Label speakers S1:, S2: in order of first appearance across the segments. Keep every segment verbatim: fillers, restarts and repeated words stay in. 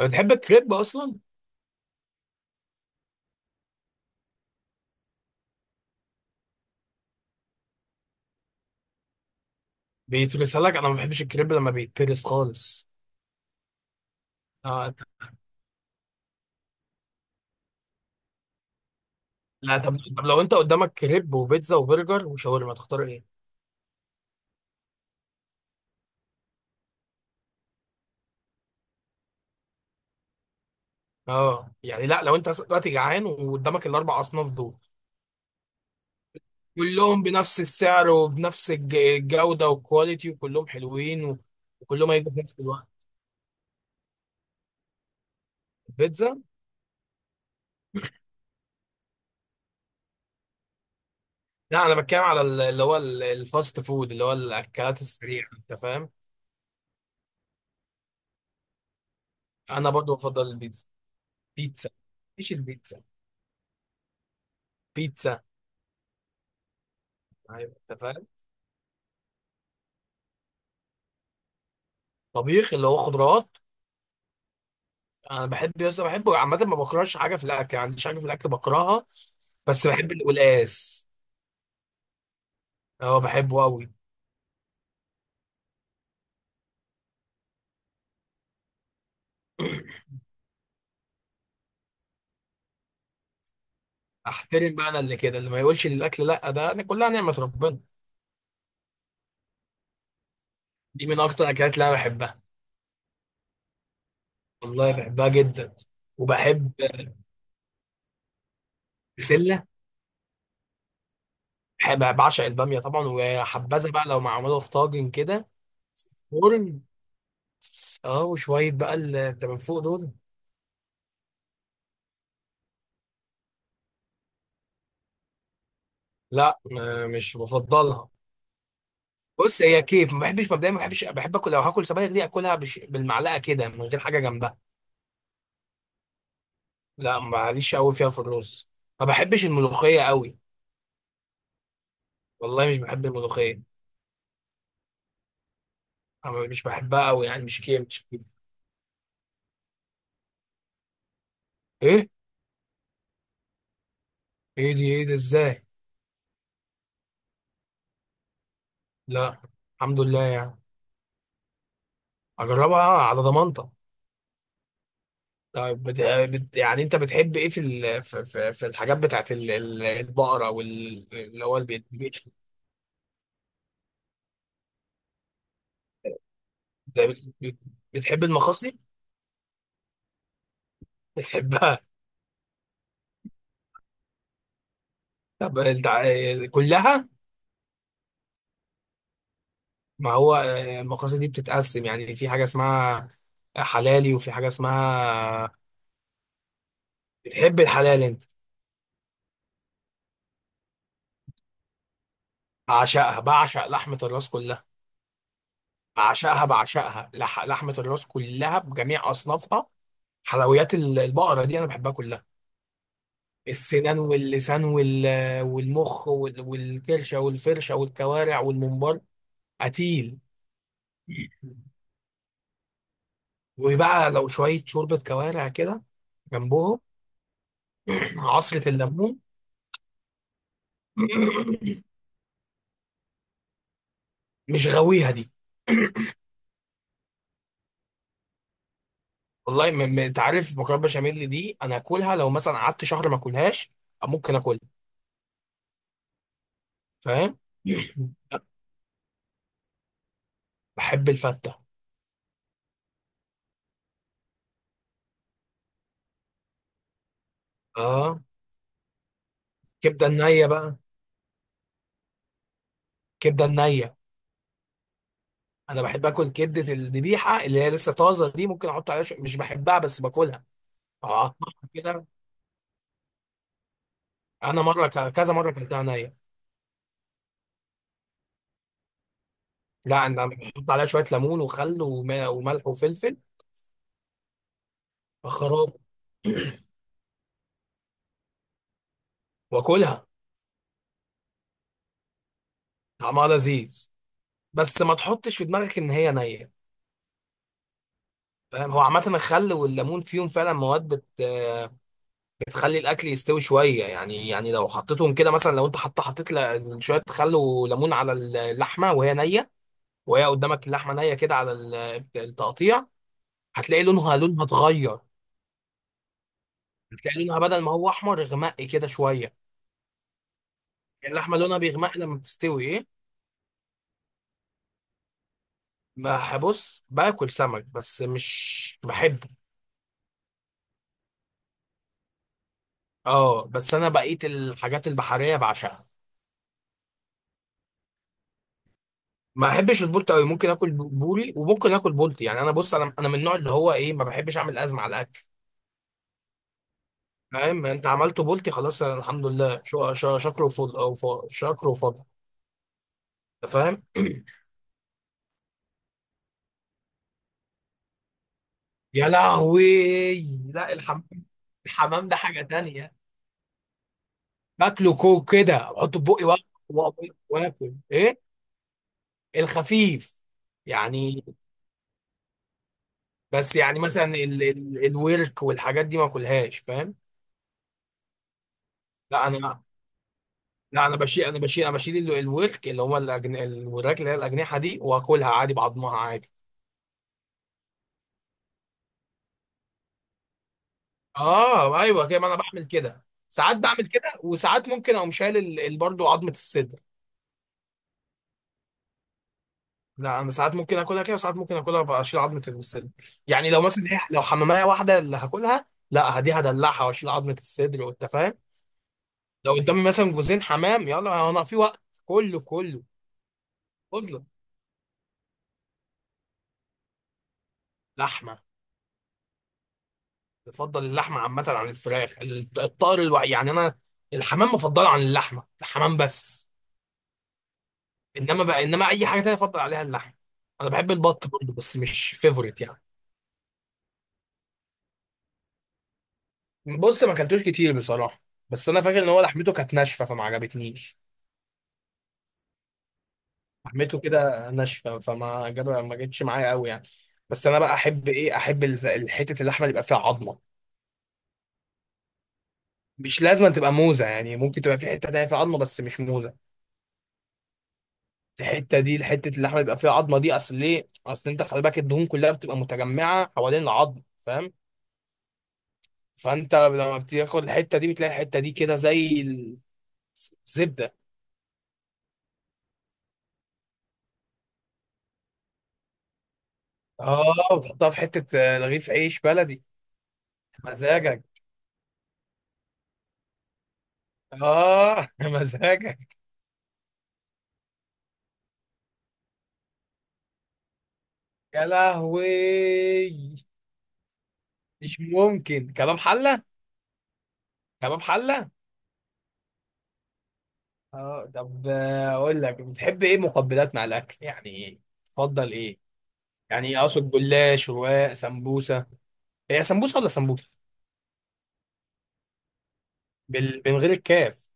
S1: بتحب الكريب اصلا؟ بيترسها لك، انا ما بحبش الكريب لما بيترس خالص. آه. لا، طب طب، لو انت قدامك كريب وبيتزا وبرجر وشاورما تختار ايه؟ اه يعني، لا لو انت دلوقتي جعان وقدامك الاربع اصناف دول كلهم بنفس السعر وبنفس الج- الجودة والكواليتي وكلهم حلوين و- وكلهم هيجوا في نفس الوقت. البيتزا. لا، انا بتكلم على ال- اللي هو ال- الفاست فود، اللي هو الاكلات السريعة، انت فاهم. انا برضو بفضل البيتزا. بيتزا. مش البيتزا. بيتزا. ايوه انت فاهم. طبيخ اللي هو خضروات. انا بحب يس بحبه عامه، ما بكرهش حاجه في الاكل يعني، ما عنديش حاجه في الاكل بكرهها. بس بحب القلقاس. اه بحبه قوي. احترم بقى، انا اللي كده اللي ما يقولش للاكل لا، ده انا كلها نعمه ربنا. دي من اكتر الاكلات اللي انا بحبها. والله بحبها جدا. وبحب بسله. بحب بعشق الباميه طبعا، وحبذا بقى لو معموله في طاجن كده. فرن. اه، وشويه بقى اللي من فوق دول. لا، م- مش بفضلها. بص، هي كيف ما بحبش مبدئيا، ما بحبش بحب اكل، لو هاكل سبانخ دي اكلها بش... بالمعلقه كده من غير حاجه جنبها. لا، ماليش قوي فيها في الرز. ما بحبش الملوخيه قوي. والله مش بحب الملوخيه. انا مش بحبها قوي يعني، مش كيف مش كيف. ايه؟ ايه دي؟ ايه ده ازاي؟ لا. الحمد لله يعني. اجربها على ضمانتك. طيب، بت... بت... يعني انت بتحب ايه في ال... في... في... في الحاجات بتاعت ال... ال- البقره، وال اللي هو البيت؟ بتحب المخاصي؟ بتحبها؟ طب انت آه، كلها. ما هو آه، المقاصد دي بتتقسم يعني، في حاجة اسمها حلالي وفي حاجة اسمها... بتحب الحلال انت؟ بعشقها، بعشق لحمة الراس كلها. بعشقها بعشقها، لح... لحمة الراس كلها بجميع أصنافها. حلويات ال- البقرة دي أنا بحبها كلها. السنان واللسان وال... والمخ وال... والكرشة والفرشة والكوارع والممبار. قتيل. وبقى لو شوية شوربة كوارع كده جنبهم. عصرة الليمون. مش غاويها دي. والله، م- م- انت عارف مكرونه بشاميل دي، انا اكلها لو مثلا قعدت شهر ما اكلهاش ممكن اكلها. فاهم. بحب الفته. اه، كبده النيه بقى. كبده النيه. انا بحب اكل كبده الذبيحه اللي هي لسه طازه، دي ممكن احط عليها شو... مش بحبها بس باكلها. اقطعها كده. انا مره ك... كذا مره اكلتها نيه. لا، انا بحط عليها شويه ليمون وخل وما- وملح وفلفل. خراب. واكلها. طعمها لذيذ، بس ما تحطش في دماغك ان هي نيه. فاهم. هو عامة الخل والليمون فيهم فعلا مواد بت بتخلي الأكل يستوي شوية يعني يعني لو حطيتهم كده، مثلا لو أنت حط حطيت ل- شوية خل وليمون على اللحمة وهي نية، وهي قدامك اللحمة نية كده على ال- التقطيع، هتلاقي لونها لونها اتغير. هتلاقي لونها بدل ما هو أحمر غمقي كده شوية. اللحمة لونها بيغمق لما بتستوي، إيه. ما هبص باكل سمك بس مش بحبه. اه، بس أنا بقيت الحاجات البحرية بعشقها. ما احبش البولت قوي، ممكن اكل بوري وممكن اكل بولتي يعني. انا بص، انا انا من النوع اللي هو ايه، ما بحبش اعمل ازمه على الاكل. فاهم يعني. انت عملته بولتي خلاص، أنا الحمد لله، شو- شا- شكر وفضل او ف- شكر وفضل. انت فاهم. يا لهوي. لا الحمام، الحمام ده حاجه تانية. باكله كوك كده، احطه في بقي، وأ- وأ- واكل ايه، الخفيف، يعني. بس يعني مثلا ال ال الورك والحاجات دي ما اكلهاش، فاهم. لا انا لا انا بشيل انا بشيل انا بشيل ال- الورك اللي هو الأجن... الوراك اللي هي الاجنحه دي، واكلها عادي بعضمها عادي. اه ايوه كده، ما انا بعمل كده، ساعات بعمل كده، وساعات ممكن اقوم شايل ال... ال- برضه عظمه الصدر. لا انا ساعات ممكن اكلها كده، وساعات ممكن اكلها بقى اشيل عظمه الصدر. يعني لو مثلا إيه، لو حماميه واحده اللي هاكلها، لا دي هدلعها واشيل عظمه الصدر، وانت فاهم. لو قدامي مثلا جوزين حمام، يلا انا في وقت كله في كله. اظلم. لحمه. بفضل اللحمه عامه عن الفراخ، ال- الطائر الوع... يعني انا الحمام مفضله عن اللحمه، الحمام بس. انما بقى انما اي حاجه تانية افضل عليها اللحمه. انا بحب البط برضه بس مش فيفوريت يعني. بص، ما اكلتوش كتير بصراحه، بس انا فاكر ان هو لحمته كانت ناشفه فما عجبتنيش. لحمته كده ناشفه فما جاب ما جتش معايا قوي يعني. بس انا بقى احب ايه احب ال- حته اللحمه اللي يبقى فيها عظمه. مش لازم تبقى موزه يعني، ممكن تبقى في حته تانية فيها عظمه، بس مش موزه. الحته دي، حته اللحمه بيبقى فيها عظمه دي، اصل ليه اصل انت خلي بالك الدهون كلها بتبقى متجمعه حوالين العظم، فاهم. فانت لما بتاخد الحته دي، بتلاقي الحته دي كده زي الزبده. اه، وتحطها في حته، آه، رغيف عيش بلدي. مزاجك. اه مزاجك. يا لهوي. مش ممكن، كباب حله. كباب حله. اه طب، آه، اقول لك بتحب ايه مقبلات مع الاكل يعني، تفضل ايه؟ يعني اقصد جلاش، رواق، سمبوسه. هي سمبوسه ولا سمبوسه؟ بال... من غير الكاف.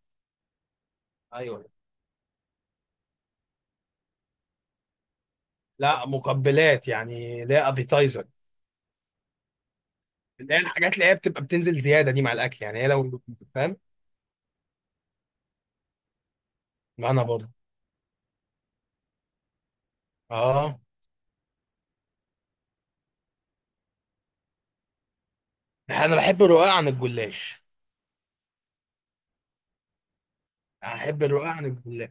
S1: ايوه. لا مقبلات يعني، لا ابيتايزر. اللي هي الحاجات اللي هي بتبقى بتنزل زياده دي مع الاكل يعني، هي لو... فاهم. ما انا برضه. اه، انا بحب الرقاق عن الجلاش. احب الرقاق عن الجلاش.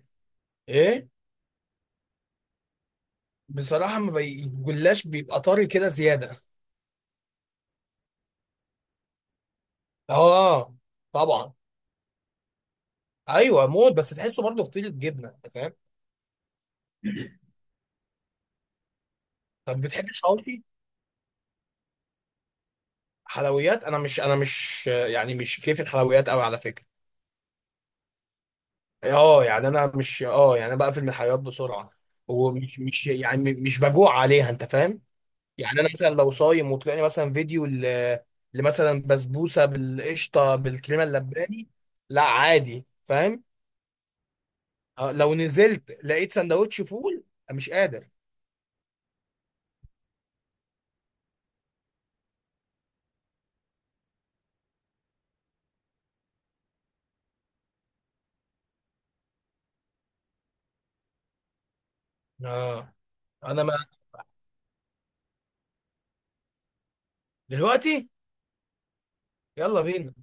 S1: ايه؟ بصراحه، ما بي... الجلاش بيبقى طري كده زياده. اه. طبعا. ايوه موت، بس تحسه برضه فطيره جبنه، انت فاهم. طب بتحب الحواوشي؟ حلويات، انا مش انا مش يعني مش كيف الحلويات قوي على فكره. اه يعني، انا مش اه يعني انا بقفل من الحلويات بسرعه، ومش، مش يعني مش بجوع عليها، انت فاهم. يعني انا مثلا لو صايم وطلعني مثلا فيديو ل- لمثلا بسبوسه بالقشطه بالكريمه اللباني، لا عادي. فاهم. آه، لو نزلت لقيت سندوتش فول، مش قادر. اه انا، ما دلوقتي. يلا بينا.